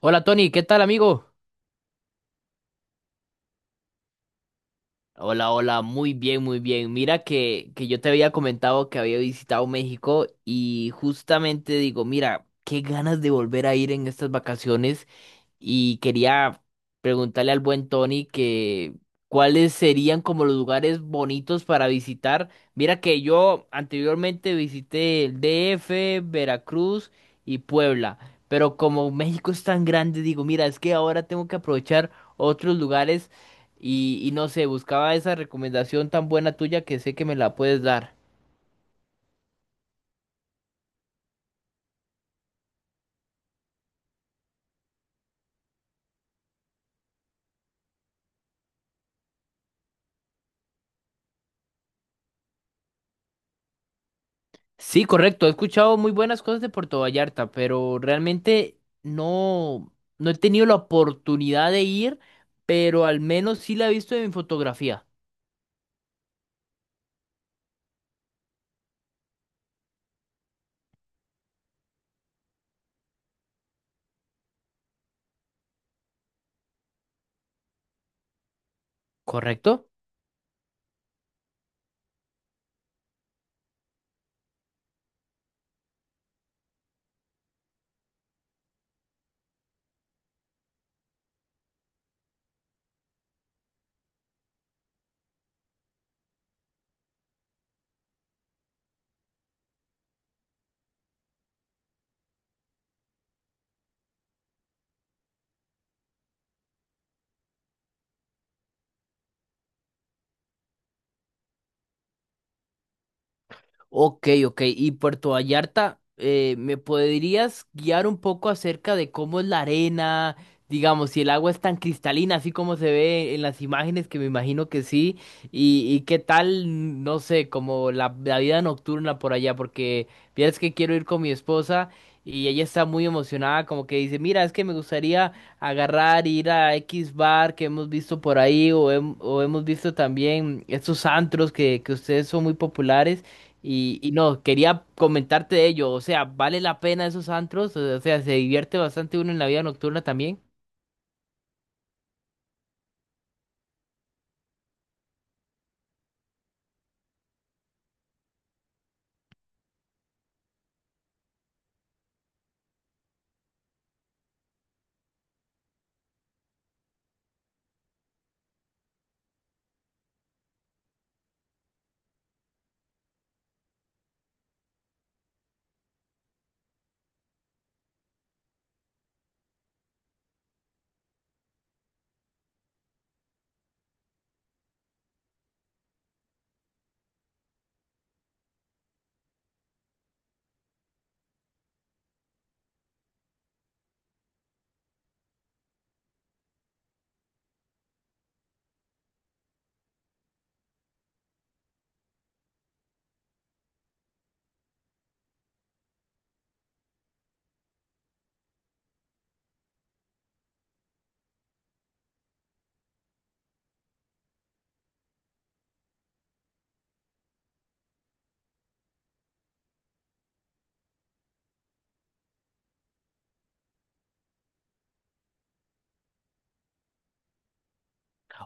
Hola Tony, ¿qué tal amigo? Hola, hola, muy bien, muy bien. Mira que yo te había comentado que había visitado México y justamente digo, mira, qué ganas de volver a ir en estas vacaciones y quería preguntarle al buen Tony que cuáles serían como los lugares bonitos para visitar. Mira que yo anteriormente visité el DF, Veracruz y Puebla, pero como México es tan grande, digo, mira, es que ahora tengo que aprovechar otros lugares. Y no sé, buscaba esa recomendación tan buena tuya que sé que me la puedes dar. Sí, correcto, he escuchado muy buenas cosas de Puerto Vallarta, pero realmente no he tenido la oportunidad de ir, pero al menos sí la he visto en mi fotografía, ¿correcto? Ok, ok. Y Puerto Vallarta, ¿me podrías guiar un poco acerca de cómo es la arena? Digamos, si el agua es tan cristalina, así como se ve en las imágenes, que me imagino que sí. Y qué tal, no sé, como la vida nocturna por allá, porque vieras que quiero ir con mi esposa y ella está muy emocionada, como que dice, mira, es que me gustaría agarrar, ir a X bar que hemos visto por ahí, o, o hemos visto también estos antros que ustedes son muy populares. Y no, quería comentarte de ello. O sea, vale la pena esos antros. O sea, se divierte bastante uno en la vida nocturna también.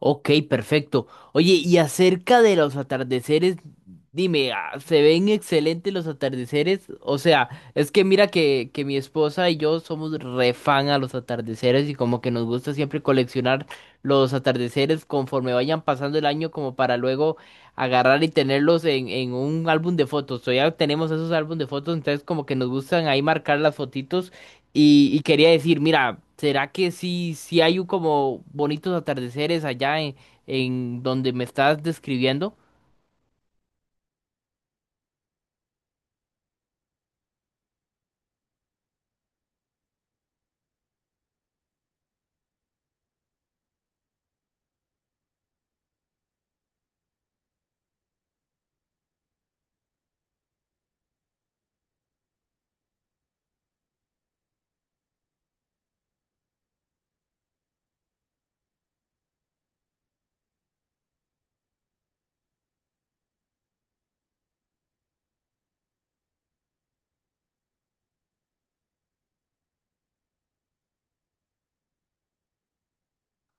Ok, perfecto. Oye, y acerca de los atardeceres, dime, ¿se ven excelentes los atardeceres? O sea, es que mira que mi esposa y yo somos re fan a los atardeceres y como que nos gusta siempre coleccionar los atardeceres conforme vayan pasando el año como para luego agarrar y tenerlos en un álbum de fotos. O tenemos esos álbumes de fotos, entonces como que nos gustan ahí marcar las fotitos. Y quería decir, mira, ¿será que sí hay un como bonitos atardeceres allá en donde me estás describiendo?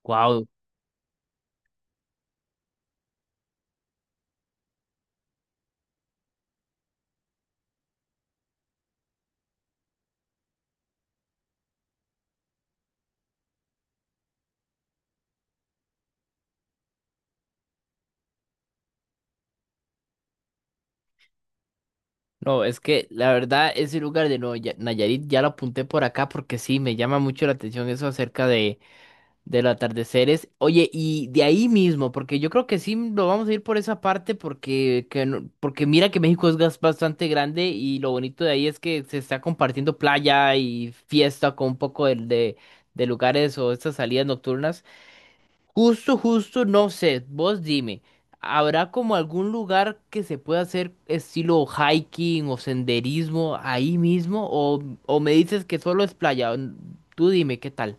Wow, no, es que la verdad ese lugar de Nayarit ya lo apunté por acá porque sí, me llama mucho la atención eso acerca de del atardecer es, oye, y de ahí mismo, porque yo creo que sí lo vamos a ir por esa parte, porque, que no- porque mira que México es bastante grande y lo bonito de ahí es que se está compartiendo playa y fiesta con un poco de lugares o estas salidas nocturnas. Justo, justo, no sé, vos dime, ¿habrá como algún lugar que se pueda hacer estilo hiking o senderismo ahí mismo? O me dices que solo es playa? Tú dime, ¿qué tal?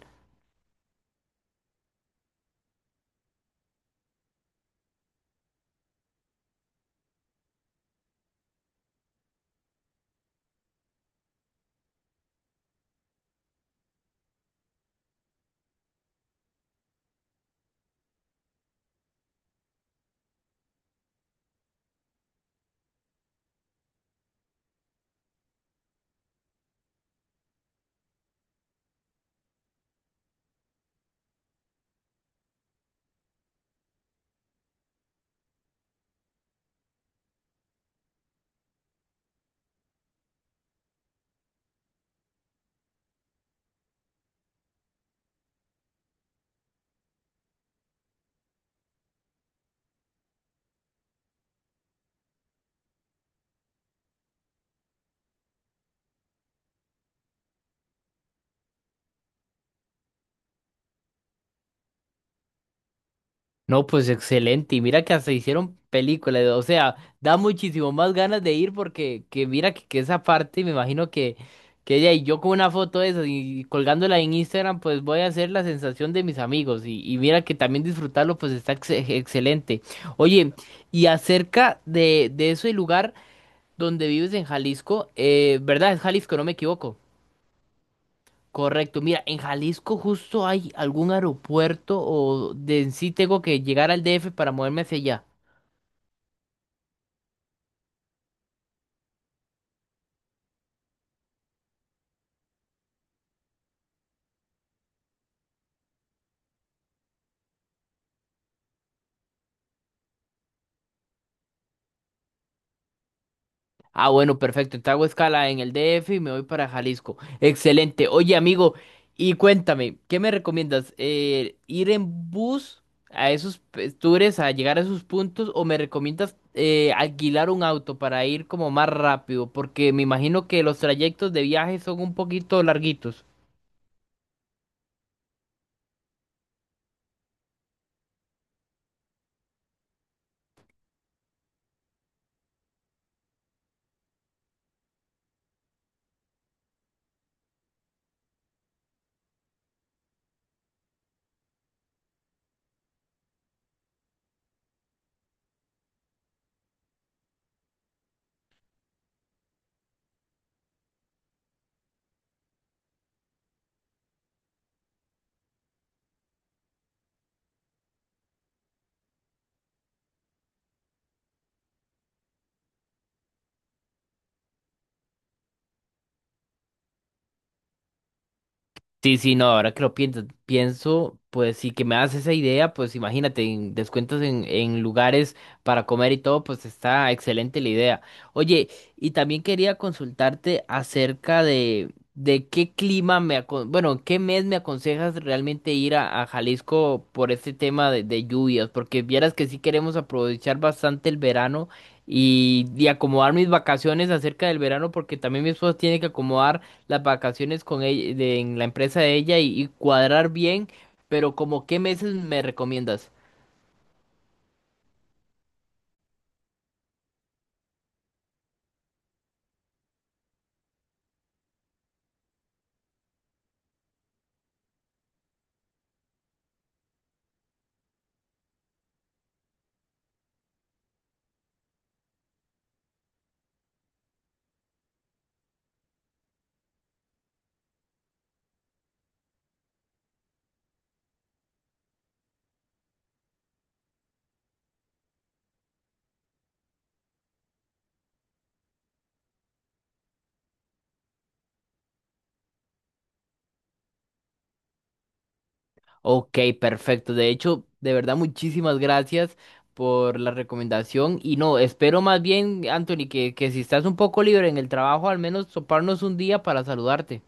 No, pues excelente. Y mira que hasta hicieron películas. O sea, da muchísimo más ganas de ir porque que mira que esa parte, me imagino que ella y yo con una foto de esas y colgándola en Instagram, pues voy a hacer la sensación de mis amigos. Y mira que también disfrutarlo, pues está excelente. Oye, y acerca de ese lugar donde vives en Jalisco, ¿verdad? Es Jalisco, no me equivoco. Correcto, mira, en Jalisco justo hay algún aeropuerto o de en sí tengo que llegar al DF para moverme hacia allá. Ah, bueno, perfecto, entonces hago escala en el DF y me voy para Jalisco. Excelente. Oye, amigo, y cuéntame, ¿qué me recomiendas? ¿Ir en bus a esos tours, a llegar a esos puntos, o me recomiendas alquilar un auto para ir como más rápido? Porque me imagino que los trayectos de viaje son un poquito larguitos. Sí, sí, no, ahora que lo pienso, pienso, pues sí que me das esa idea, pues imagínate, en descuentos en lugares para comer y todo, pues está excelente la idea. Oye, y también quería consultarte acerca de qué clima me, bueno, qué mes me aconsejas realmente ir a Jalisco por este tema de lluvias, porque vieras que sí queremos aprovechar bastante el verano y acomodar mis vacaciones acerca del verano, porque también mi esposa tiene que acomodar las vacaciones con ella, en la empresa de ella y cuadrar bien, pero como qué meses me recomiendas. Ok, perfecto. De hecho, de verdad, muchísimas gracias por la recomendación. Y no, espero más bien, Anthony, que si estás un poco libre en el trabajo, al menos toparnos un día para saludarte.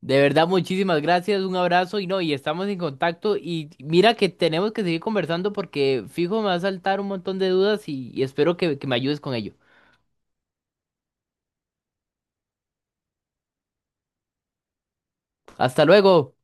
De verdad, muchísimas gracias, un abrazo y no, y estamos en contacto y mira que tenemos que seguir conversando porque fijo me va a saltar un montón de dudas y espero que me ayudes con ello. Hasta luego.